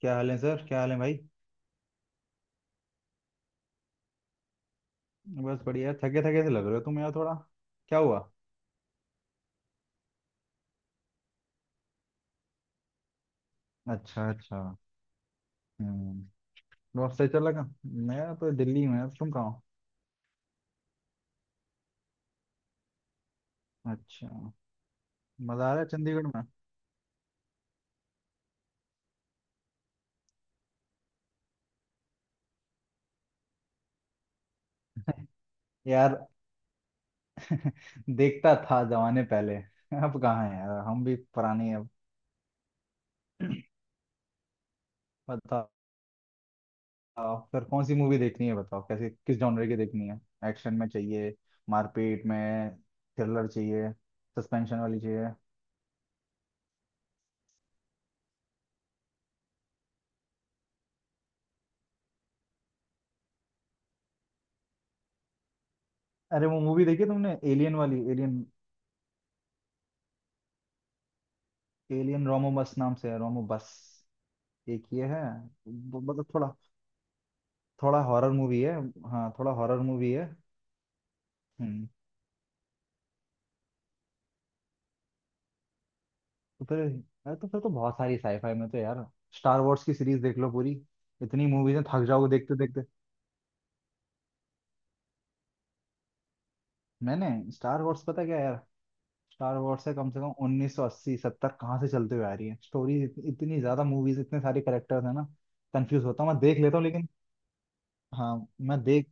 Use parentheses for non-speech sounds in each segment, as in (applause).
क्या हाल है सर? क्या हाल है भाई? बस बढ़िया। थके थके से लग रहे हो तुम यार थोड़ा। क्या हुआ? अच्छा अच्छा। हम्म। बहुत सही चल लगा। मैं तो दिल्ली में हूँ, तुम कहाँ हो? अच्छा। मजा आ रहा है चंडीगढ़ में? यार देखता था जमाने पहले (laughs) अब कहाँ है यार, हम भी पुराने हैं अब। बताओ फिर, कौन सी मूवी देखनी है बताओ, कैसे, किस जॉनर की देखनी है? एक्शन में चाहिए? मारपीट में? थ्रिलर चाहिए? सस्पेंशन वाली चाहिए? अरे वो मूवी देखी तुमने एलियन वाली, एलियन? एलियन रोमोबस नाम से है, रोमोबस। एक ये है। मतलब थोड़ा, थोड़ा हॉरर मूवी है। हाँ थोड़ा हॉरर मूवी है। हम्म। तो फिर? अरे तो फिर तो बहुत सारी साईफाई में तो यार। स्टार वॉर्स की सीरीज देख लो पूरी। इतनी मूवीज हैं, थक जाओगे देखते देखते। मैंने स्टार वॉर्स, पता क्या यार, स्टार वॉर्स है कम से कम 1980, सत्तर कहाँ से चलते हुए आ रही है। स्टोरीज इतनी, इतनी ज्यादा मूवीज, इतने सारे करेक्टर्स है ना। कंफ्यूज होता हूँ मैं, देख लेता हूँ लेकिन। हाँ मैं देख,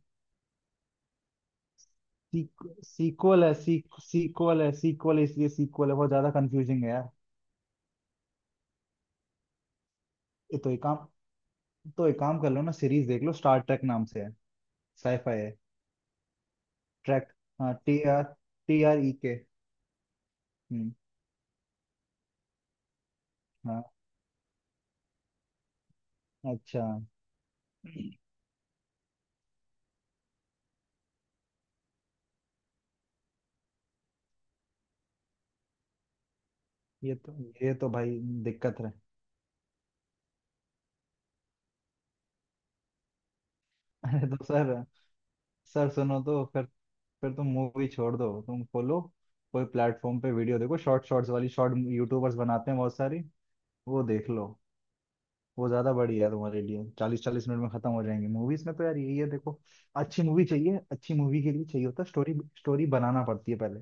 सीक्वल है, सीक्वल इसलिए सीक्वल है, बहुत ज्यादा कंफ्यूजिंग है यार। ये तो एक काम, तो एक काम कर लो ना, सीरीज देख लो, स्टार ट्रेक नाम से है। साईफाई है। ट्रैक। हाँ T R T R E K. हम्म। हाँ अच्छा। ये तो ये तो भाई दिक्कत है। (laughs) अरे तो सर, सर सुनो तो फिर तुम मूवी छोड़ दो, तुम खोलो कोई प्लेटफॉर्म पे वीडियो देखो, शॉर्ट, शॉर्ट्स वाली, शॉर्ट यूट्यूबर्स बनाते हैं बहुत सारी, वो देख लो। वो ज्यादा बढ़िया है तुम्हारे लिए, 40-40 मिनट में खत्म हो जाएंगी। मूवीज में तो यार यही है, देखो, अच्छी मूवी चाहिए, अच्छी मूवी के लिए चाहिए होता है स्टोरी। स्टोरी बनाना पड़ती है पहले,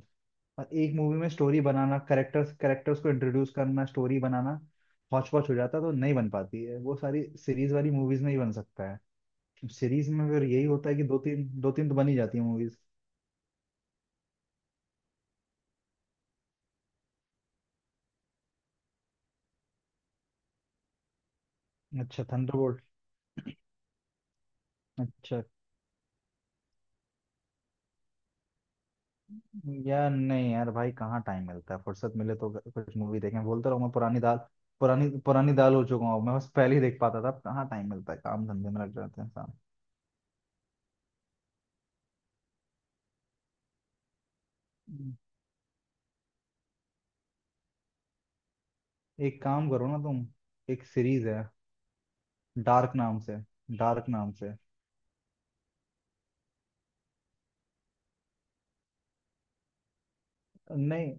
और एक मूवी में स्टोरी बनाना, करेक्टर्स, करेक्टर्स को इंट्रोड्यूस करना, स्टोरी बनाना, हौच पौच हो जाता है, तो नहीं बन पाती है वो। सारी सीरीज वाली मूवीज में ही बन सकता है। सीरीज में फिर यही होता है कि दो तीन, दो तीन तो बन ही जाती है मूवीज। अच्छा थंडरबोल्ट। अच्छा। यार नहीं यार भाई, कहाँ टाइम मिलता है, फुर्सत मिले तो कुछ मूवी देखें, बोलते रहो। मैं पुरानी दाल, पुरानी पुरानी दाल हो चुका हूँ मैं, बस पहले ही देख पाता था, अब कहाँ टाइम मिलता है, काम धंधे में लग जाते हैं इंसान। हम्म। एक काम करो ना तुम, एक सीरीज है, डार्क नाम से, डार्क नाम से। नहीं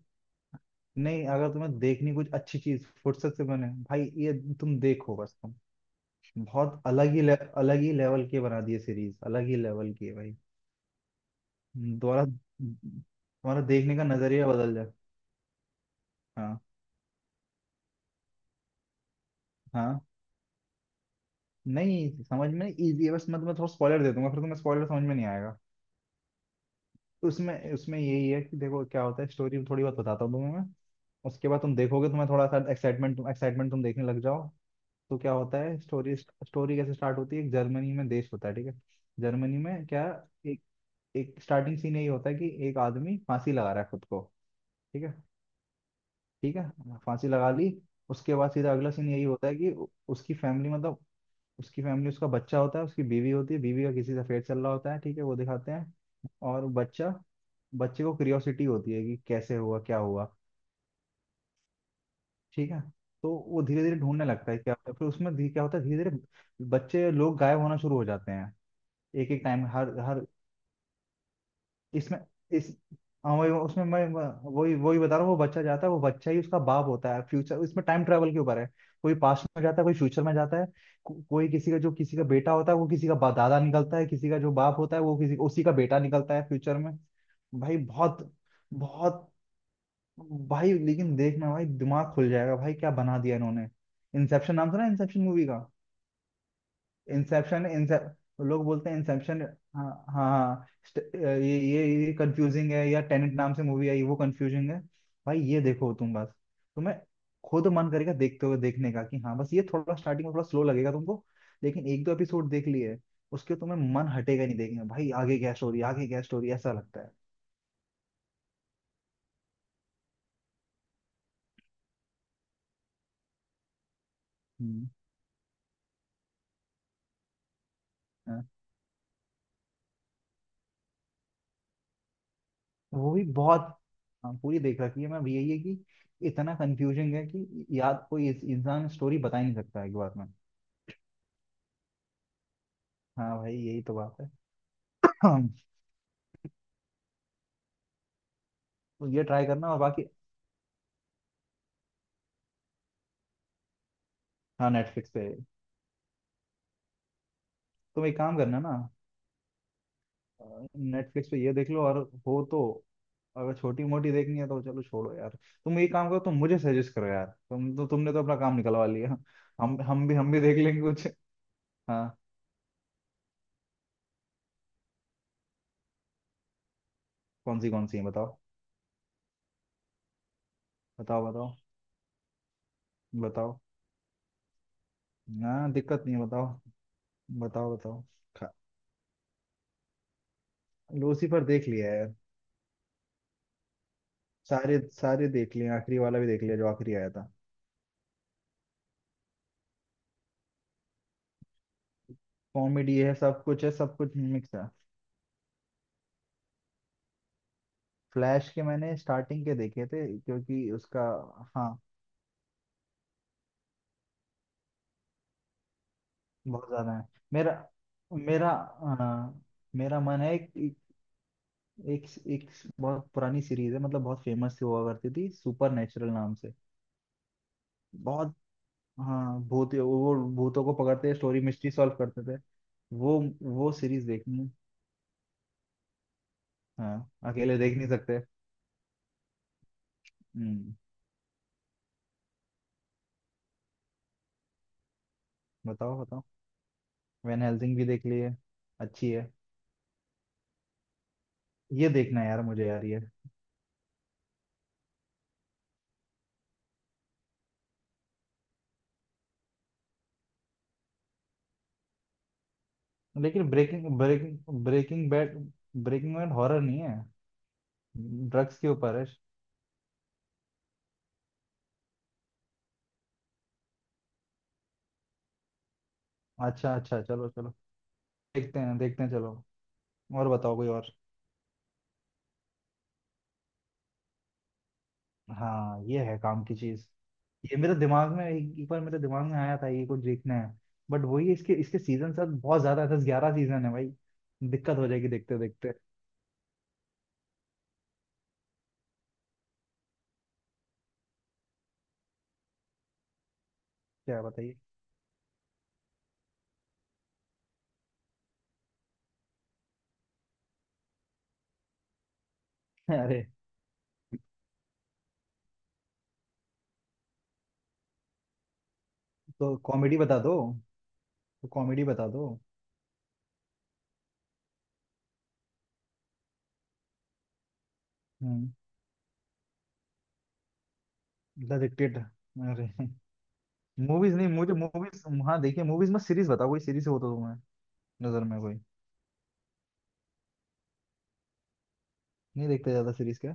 नहीं अगर तुम्हें देखनी कुछ अच्छी चीज फुर्सत से, बने भाई ये, तुम देखो बस तुम। बहुत अलग ही ले, अलग ही लेवल की बना दी है सीरीज, अलग ही लेवल की है भाई। दोबारा तुम्हारा देखने का नजरिया बदल जाए। हाँ हाँ नहीं, समझ में इजी है, बस मैं तुम्हें थोड़ा स्पॉइलर दे दूंगा, फिर तुम्हें स्पॉइलर समझ में नहीं आएगा। तो उसमें, उसमें यही है कि देखो क्या होता है, स्टोरी थोड़ी बहुत बताता हूँ तुम्हें मैं। उसके बाद तुम देखोगे, तुम्हें थोड़ा सा एक्साइटमेंट, एक्साइटमेंट तुम देखने लग जाओ। तो क्या होता है, स्टोरी, स्टोरी कैसे स्टार्ट होती है, एक जर्मनी में देश होता है, ठीक है। जर्मनी में क्या, एक, एक स्टार्टिंग सीन यही होता है कि एक आदमी फांसी लगा रहा है खुद को। ठीक है, ठीक है, फांसी लगा ली। उसके बाद सीधा अगला सीन यही होता है कि उसकी फैमिली, मतलब उसकी फैमिली, उसका बच्चा होता है, उसकी बीवी होती है, बीवी का किसी से अफेयर चल रहा होता है, ठीक है, वो दिखाते हैं। और बच्चा, बच्चे को क्यूरियोसिटी होती है कि कैसे हुआ, क्या हुआ, ठीक है। तो वो धीरे धीरे ढूंढने लगता है क्या होता है, फिर उसमें क्या होता है, धीरे धीरे बच्चे लोग गायब होना शुरू हो जाते हैं। एक एक टाइम हर हर इसमें इस हाँ वही उसमें मैं- वही वही बता रहा हूँ, वो बच्चा जाता है, वो बच्चा ही उसका बाप होता है फ्यूचर, इसमें टाइम ट्रेवल के ऊपर है। कोई पास्ट में जाता है, कोई फ्यूचर में जाता है। कोई किसी का, जो किसी का बेटा होता है वो किसी का दादा निकलता है, किसी का जो बाप होता है वो किसी उसी का बेटा निकलता है फ्यूचर में। भाई बहुत, बहुत भाई लेकिन देखना भाई, दिमाग खुल जाएगा भाई, क्या बना दिया इन्होंने। इंसेप्शन नाम सुना है? इंसेप्शन मूवी का, इंसेप्शन, लोग बोलते हैं इंसेप्शन। हाँ हाँ, हाँ, ये कंफ्यूजिंग है, या टेनेंट नाम से मूवी आई, वो कंफ्यूजिंग है भाई। ये देखो तुम बस, तुम्हें खुद मन करेगा देखते हुए देखने का कि हाँ, बस ये थोड़ा स्टार्टिंग में थोड़ा स्लो लगेगा तुमको, लेकिन एक दो एपिसोड देख लिए उसके, तुम्हें मन हटेगा नहीं देखने का, भाई आगे क्या स्टोरी, आगे क्या स्टोरी, ऐसा लगता है। हम्म। हाँ, वो भी बहुत। हाँ, पूरी देख रखी है मैं भी। यही है कि इतना कंफ्यूजिंग है कि याद, कोई इंसान स्टोरी बता ही नहीं सकता एक बार में। हाँ भाई, यही तो बात है। (clears throat) तो ये ट्राई करना और बाकी। हाँ नेटफ्लिक्स पे। तुम एक काम करना ना, नेटफ्लिक्स पे ये देख लो, और हो तो, अगर छोटी मोटी देखनी है तो चलो छोड़ो यार। तुम एक काम करो, तुम मुझे सजेस्ट करो यार, तुम तो, तुमने तो अपना काम निकलवा लिया। हम, हम भी देख लेंगे कुछ। हाँ। कौन सी, कौन सी है, बताओ बताओ। बताओ बताओ। हाँ दिक्कत नहीं है, बताओ। बताओ बताओ। खा- लूसीफर देख लिया है यार। सारे, सारे देख लिए, आखिरी वाला भी देख लिया जो आखिरी आया था। कॉमेडी है, सब कुछ है, सब कुछ मिक्स है। फ्लैश के मैंने स्टार्टिंग के देखे थे, क्योंकि उसका, हाँ बहुत ज्यादा है। मेरा मेरा अ, मेरा मन है कि एक, एक बहुत पुरानी सीरीज है, मतलब बहुत फेमस हुआ करती थी, सुपर नेचुरल नाम से। बहुत, हाँ भूत, वो भूतों को पकड़ते, स्टोरी मिस्ट्री सॉल्व करते थे। वो सीरीज देखनी है। हाँ अकेले देख नहीं सकते। हम्म। बताओ बताओ। वैन हेल्सिंग भी देख ली है। अच्छी है। ये देखना है यार मुझे यार, ये लेकिन Breaking, Breaking Bad, Breaking Bad horror नहीं है, ड्रग्स के ऊपर है। अच्छा अच्छा, चलो चलो, देखते हैं चलो। और बताओ, कोई और? हाँ ये है काम की चीज। ये मेरे दिमाग में एक, एक बार मेरे दिमाग में आया था, ये कुछ देखना है। बट वही है, इसके, इसके सीजन सब बहुत ज्यादा है, 10-11 सीजन है भाई, दिक्कत हो जाएगी देखते देखते। क्या बताइए। (laughs) अरे तो कॉमेडी बता दो, तो कॉमेडी बता दो। हम्म। The Dictator? अरे (laughs) मूवीज नहीं, मुझे मूवीज, हाँ देखिए, मूवीज में, सीरीज बताओ, कोई सीरीज हो तो तुम्हें नजर में कोई, नहीं देखते ज्यादा सीरीज क्या।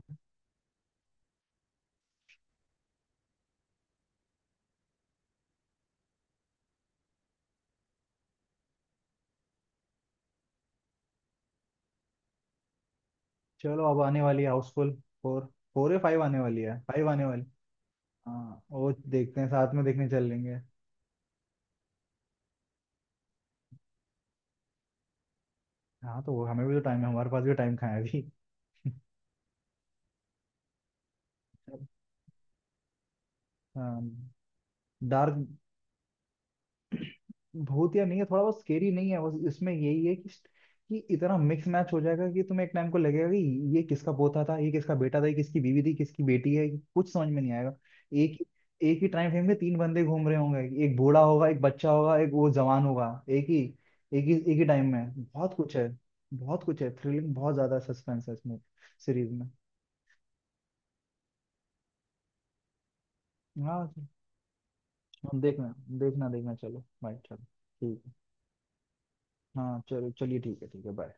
चलो अब आने वाली है हाउसफुल फोर, फोर या फाइव आने वाली है, फाइव आने वाली। हाँ वो देखते हैं, साथ में देखने चल लेंगे। हाँ तो वो, हमें भी तो टाइम है, हमारे पास भी टाइम कहाँ है अभी। (laughs) हाँ। डार्क भूतिया नहीं है, थोड़ा बहुत स्केरी नहीं है, बस इसमें यही है कि इतना मिक्स मैच हो जाएगा कि तुम्हें एक टाइम को लगेगा कि ये किसका पोता था, ये किसका बेटा था, ये किसकी बीवी थी, किसकी बेटी है, कुछ समझ में नहीं आएगा। एक, एक ही टाइम फ्रेम में तीन बंदे घूम रहे होंगे, एक बूढ़ा होगा, एक बच्चा होगा, एक वो जवान होगा, एक ही, एक ही टाइम में बहुत कुछ है, बहुत कुछ है, थ्रिलिंग, बहुत ज्यादा सस्पेंस है इसमें, सीरीज में। हाँ देखना, देखना देखना, चलो बाय, चलो ठीक है। हाँ चलो, चलिए ठीक है, ठीक है बाय।